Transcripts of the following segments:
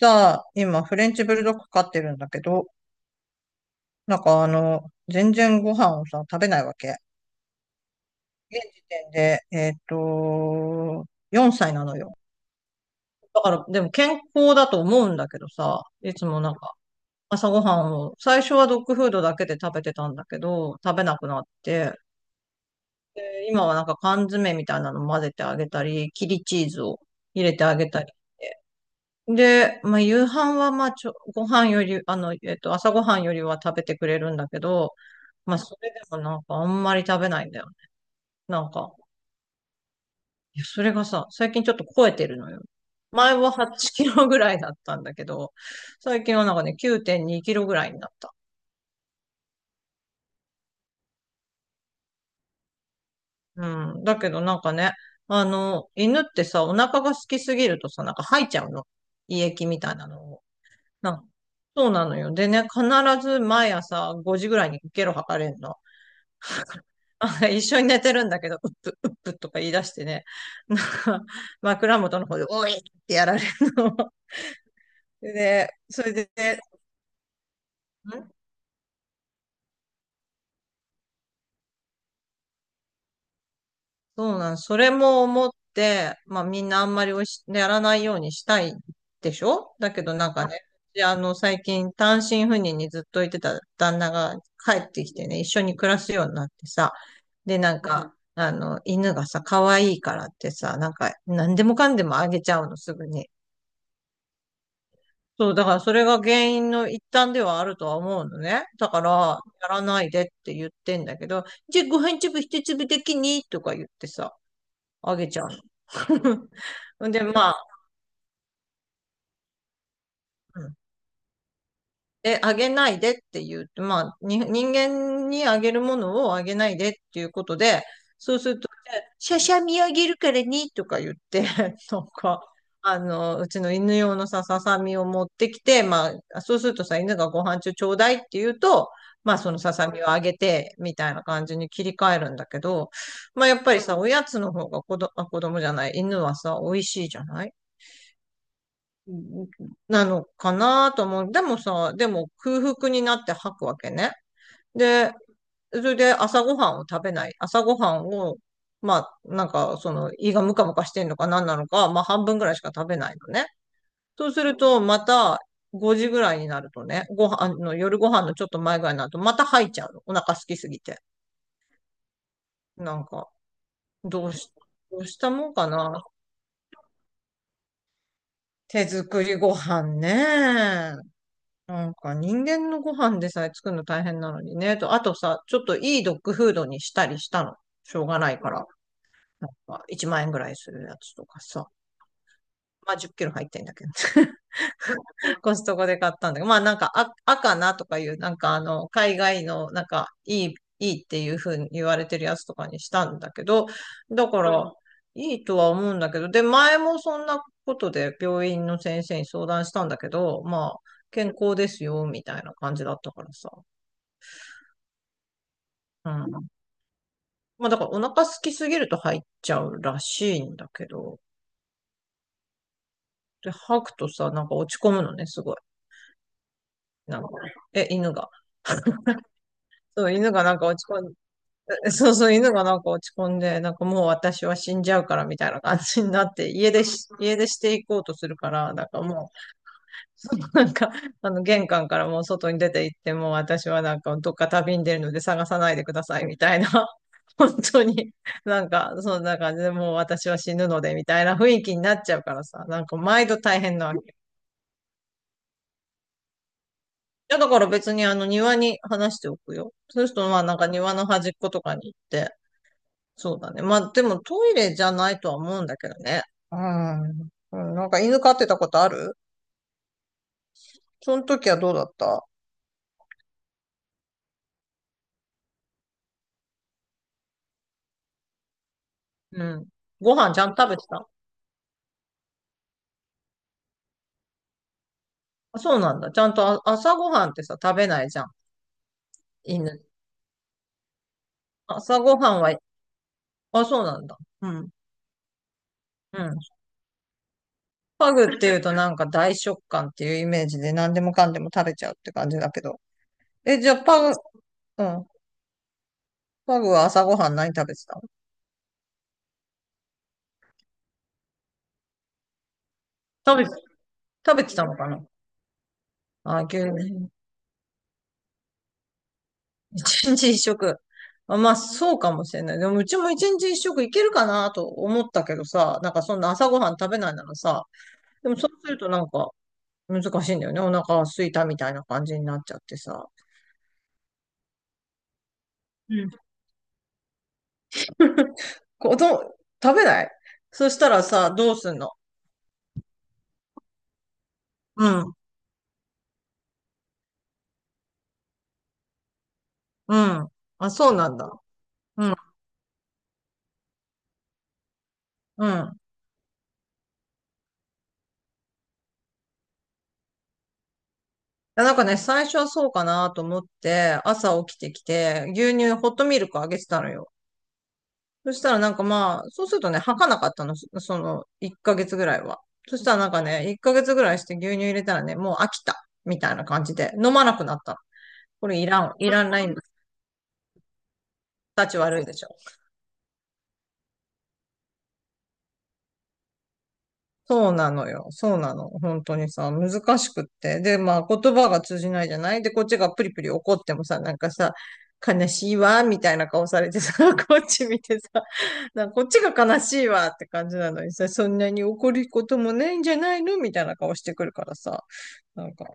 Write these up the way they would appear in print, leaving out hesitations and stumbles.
さ、今、フレンチブルドッグ飼ってるんだけど、なんか全然ご飯をさ、食べないわけ。現時点で、4歳なのよ。だから、でも健康だと思うんだけどさ、いつもなんか、朝ごはんを、最初はドッグフードだけで食べてたんだけど、食べなくなって、で今はなんか缶詰みたいなの混ぜてあげたり、切りチーズを入れてあげたり。で、まあ、夕飯は、まあ、ご飯より、朝ご飯よりは食べてくれるんだけど、まあ、それでもなんか、あんまり食べないんだよね。なんか、いや、それがさ、最近ちょっと超えてるのよ。前は8キロぐらいだったんだけど、最近はなんかね、9.2キロぐらいになった。うん。だけどなんかね、犬ってさ、お腹が空きすぎるとさ、なんか吐いちゃうの。胃液みたいなのを。なんそうなのよ。でね、必ず毎朝5時ぐらいにゲロ吐かれるの。一緒に寝てるんだけど、うっぷ、うっぷとか言い出してね、なんか枕元の方で、おいってやられるの。で、それで、んそうなん、それも思って、まあみんなあんまりやらないようにしたいでしょ。だけどなんかね、で最近単身赴任にずっといてた旦那が帰ってきてね、一緒に暮らすようになってさ、で、なんか、犬がさ、可愛いからってさ、なんか、何でもかんでもあげちゃうの、すぐに。そう、だからそれが原因の一端ではあるとは思うのね。だから、やらないでって言ってんだけど、じゃあご飯粒一粒的にとか言ってさ、あげちゃうの。で、まあ、うん。あげないでって言うと、まあ、人間にあげるものをあげないでっていうことで、そうすると、しゃしゃみあげるからにとか言って、なんか、うちの犬用のさ、ささみを持ってきて、まあ、そうするとさ、犬がご飯中ちょうだいって言うと、まあ、そのささみをあげて、みたいな感じに切り替えるんだけど、まあ、やっぱりさ、おやつの方が子ど、あ、子供じゃない、犬はさ、美味しいじゃない。うんうん。なのかなと思う。でもさ、空腹になって吐くわけね。で、それで朝ごはんを食べない。朝ごはんを、まあ、なんか、胃がムカムカしてんのか何なのか、まあ、半分ぐらいしか食べないのね。そうすると、また、5時ぐらいになるとね、ご飯あの、夜ご飯のちょっと前ぐらいになると、また吐いちゃうの。お腹空きすぎて。なんか、どうし、どうしたもんかな。手作りご飯ね。なんか人間のご飯でさえ作るの大変なのにね。あとさ、ちょっといいドッグフードにしたりしたの。しょうがないから。なんか1万円ぐらいするやつとかさ。まあ10キロ入ってんだけど。コストコで買ったんだけど、まあなんか赤なとかいう、なんか海外のなんかいいっていう風に言われてるやつとかにしたんだけど、だかうら、ん。いいとは思うんだけど、で、前もそんなことで病院の先生に相談したんだけど、まあ、健康ですよ、みたいな感じだったからさ。うん。まあだからお腹空きすぎると入っちゃうらしいんだけど、で、吐くとさ、なんか落ち込むのね、すごい。なんか、犬が。そう、犬がなんか落ち込んそうそう、犬がなんか落ち込んで、なんかもう私は死んじゃうからみたいな感じになって、家出していこうとするから、なんかもう、そうなんか、玄関からもう外に出て行って、もう私はなんかどっか旅に出るので探さないでくださいみたいな、本当に、なんか、そんな感じでもう私は死ぬのでみたいな雰囲気になっちゃうからさ、なんか毎度大変なわけ。いやだから別に庭に話しておくよ。そうするとまあなんか庭の端っことかに行って、そうだね。まあ、でもトイレじゃないとは思うんだけどね。うん。うん。なんか犬飼ってたことある？その時はどうだった？うん。ご飯ちゃんと食べてた？あ、そうなんだ。ちゃんと朝ごはんってさ、食べないじゃん。犬。朝ごはんは、あ、そうなんだ。うん。うん。パグっていうとなんか大食感っていうイメージで何でもかんでも食べちゃうって感じだけど。え、じゃあパグ、うん。パグは朝ごはん何食べてたの？食べて、食べてたのかな？あ、牛乳。一日一食。まあ、そうかもしれない。でも、うちも一日一食いけるかなと思ったけどさ、なんかそんな朝ごはん食べないならさ、でもそうするとなんか難しいんだよね。お腹が空いたみたいな感じになっちゃってさ。うん。こど、食べない？そしたらさ、どうすんの？うん、うん。あ、そうなんだ。うん、うん。なんかね、最初はそうかなと思って、朝起きてきて、牛乳、ホットミルクあげてたのよ。そしたらなんかまあ、そうするとね、吐かなかったの、その1ヶ月ぐらいは。そしたらなんかね、1ヶ月ぐらいして牛乳入れたらね、もう飽きた、みたいな感じで、飲まなくなったの。これいらん、いらないんラインたち悪いでしょ。そうなのよ。そうなの。本当にさ、難しくって。で、まあ、言葉が通じないじゃない。で、こっちがプリプリ怒ってもさ、なんかさ、悲しいわ、みたいな顔されてさ、こっち見てさ、なんかこっちが悲しいわって感じなのにさ、そんなに怒ることもないんじゃないのみたいな顔してくるからさ。なんか、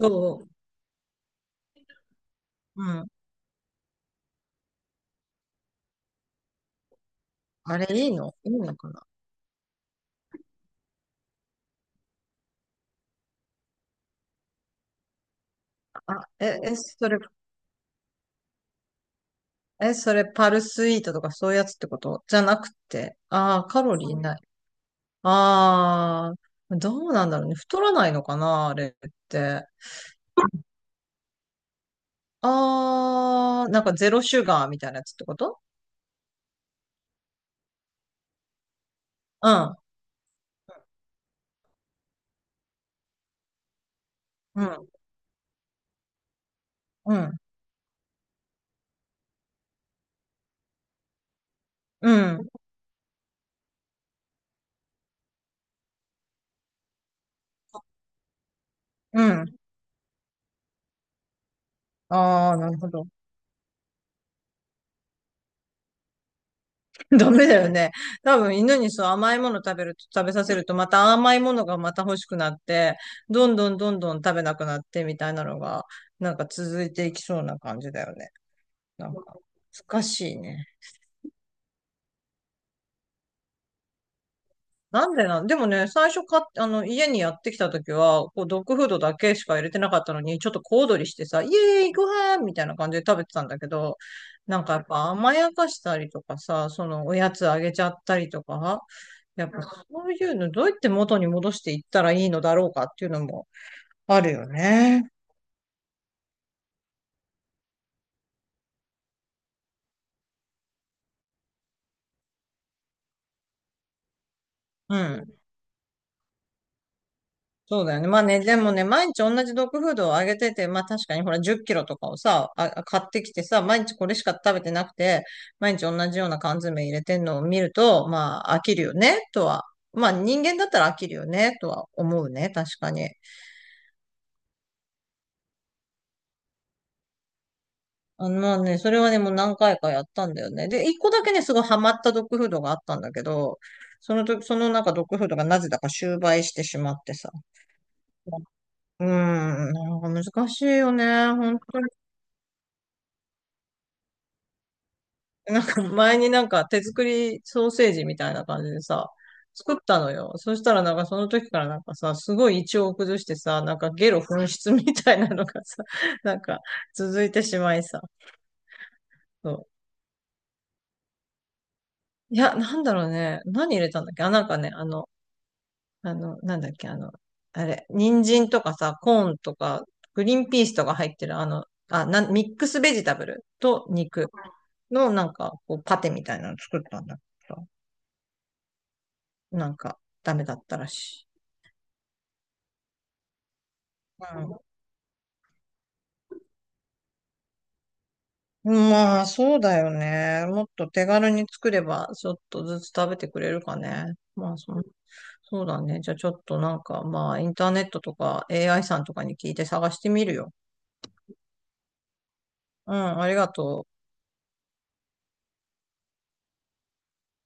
そう。うん。あれいいのかな？あ、え、え、それ、それパルスイートとかそういうやつってことじゃなくて。ああ、カロリーない。ああ、どうなんだろうね。太らないのかなあれって。ああ、なんかゼロシュガーみたいなやつってこと？うん。うん。うん。うん。うん。ああ、なるほど。ダメだよね。多分犬にそう甘いもの食べさせるとまた甘いものがまた欲しくなって、どんどんどんどん食べなくなってみたいなのが、なんか続いていきそうな感じだよね。なんか、難しいね。なんでなん、でもね、最初か、あの、家にやってきた時は、こう、ドッグフードだけしか入れてなかったのに、ちょっと小躍りしてさ、イエーイ、ご飯みたいな感じで食べてたんだけど、なんかやっぱ甘やかしたりとかさ、そのおやつあげちゃったりとか、やっぱそういうのどうやって元に戻していったらいいのだろうかっていうのもあるよね。うん。そうだよね。まあね、でもね、毎日同じドッグフードをあげてて、まあ確かにほら10キロとかをさ、買ってきてさ、毎日これしか食べてなくて、毎日同じような缶詰入れてんのを見ると、まあ飽きるよね、とは。まあ人間だったら飽きるよね、とは思うね、確かに。まあね、それはね、もう何回かやったんだよね。で、一個だけね、すごいハマったドッグフードがあったんだけど、その時、そのなんかドッグフードがなぜだか終売してしまってさ。うーん、なんか難しいよね、本当。なんか前になんか手作りソーセージみたいな感じでさ、作ったのよ。そしたらなんかその時からなんかさ、すごい胃腸を崩してさ、なんかゲロ噴出みたいなのがさ、なんか続いてしまいさ。そう。いや、なんだろうね。何入れたんだっけ？なんかね、なんだっけあれ、人参とかさ、コーンとか、グリーンピースとか入ってるミックスベジタブルと肉のなんかこうパテみたいなの作ったんだけど、なんかダメだったらしい。うん。まあ、そうだよね。もっと手軽に作れば、ちょっとずつ食べてくれるかね。まあ、そうだね。じゃあ、ちょっとなんか、まあ、インターネットとか AI さんとかに聞いて探してみるよ。うん、ありがとう。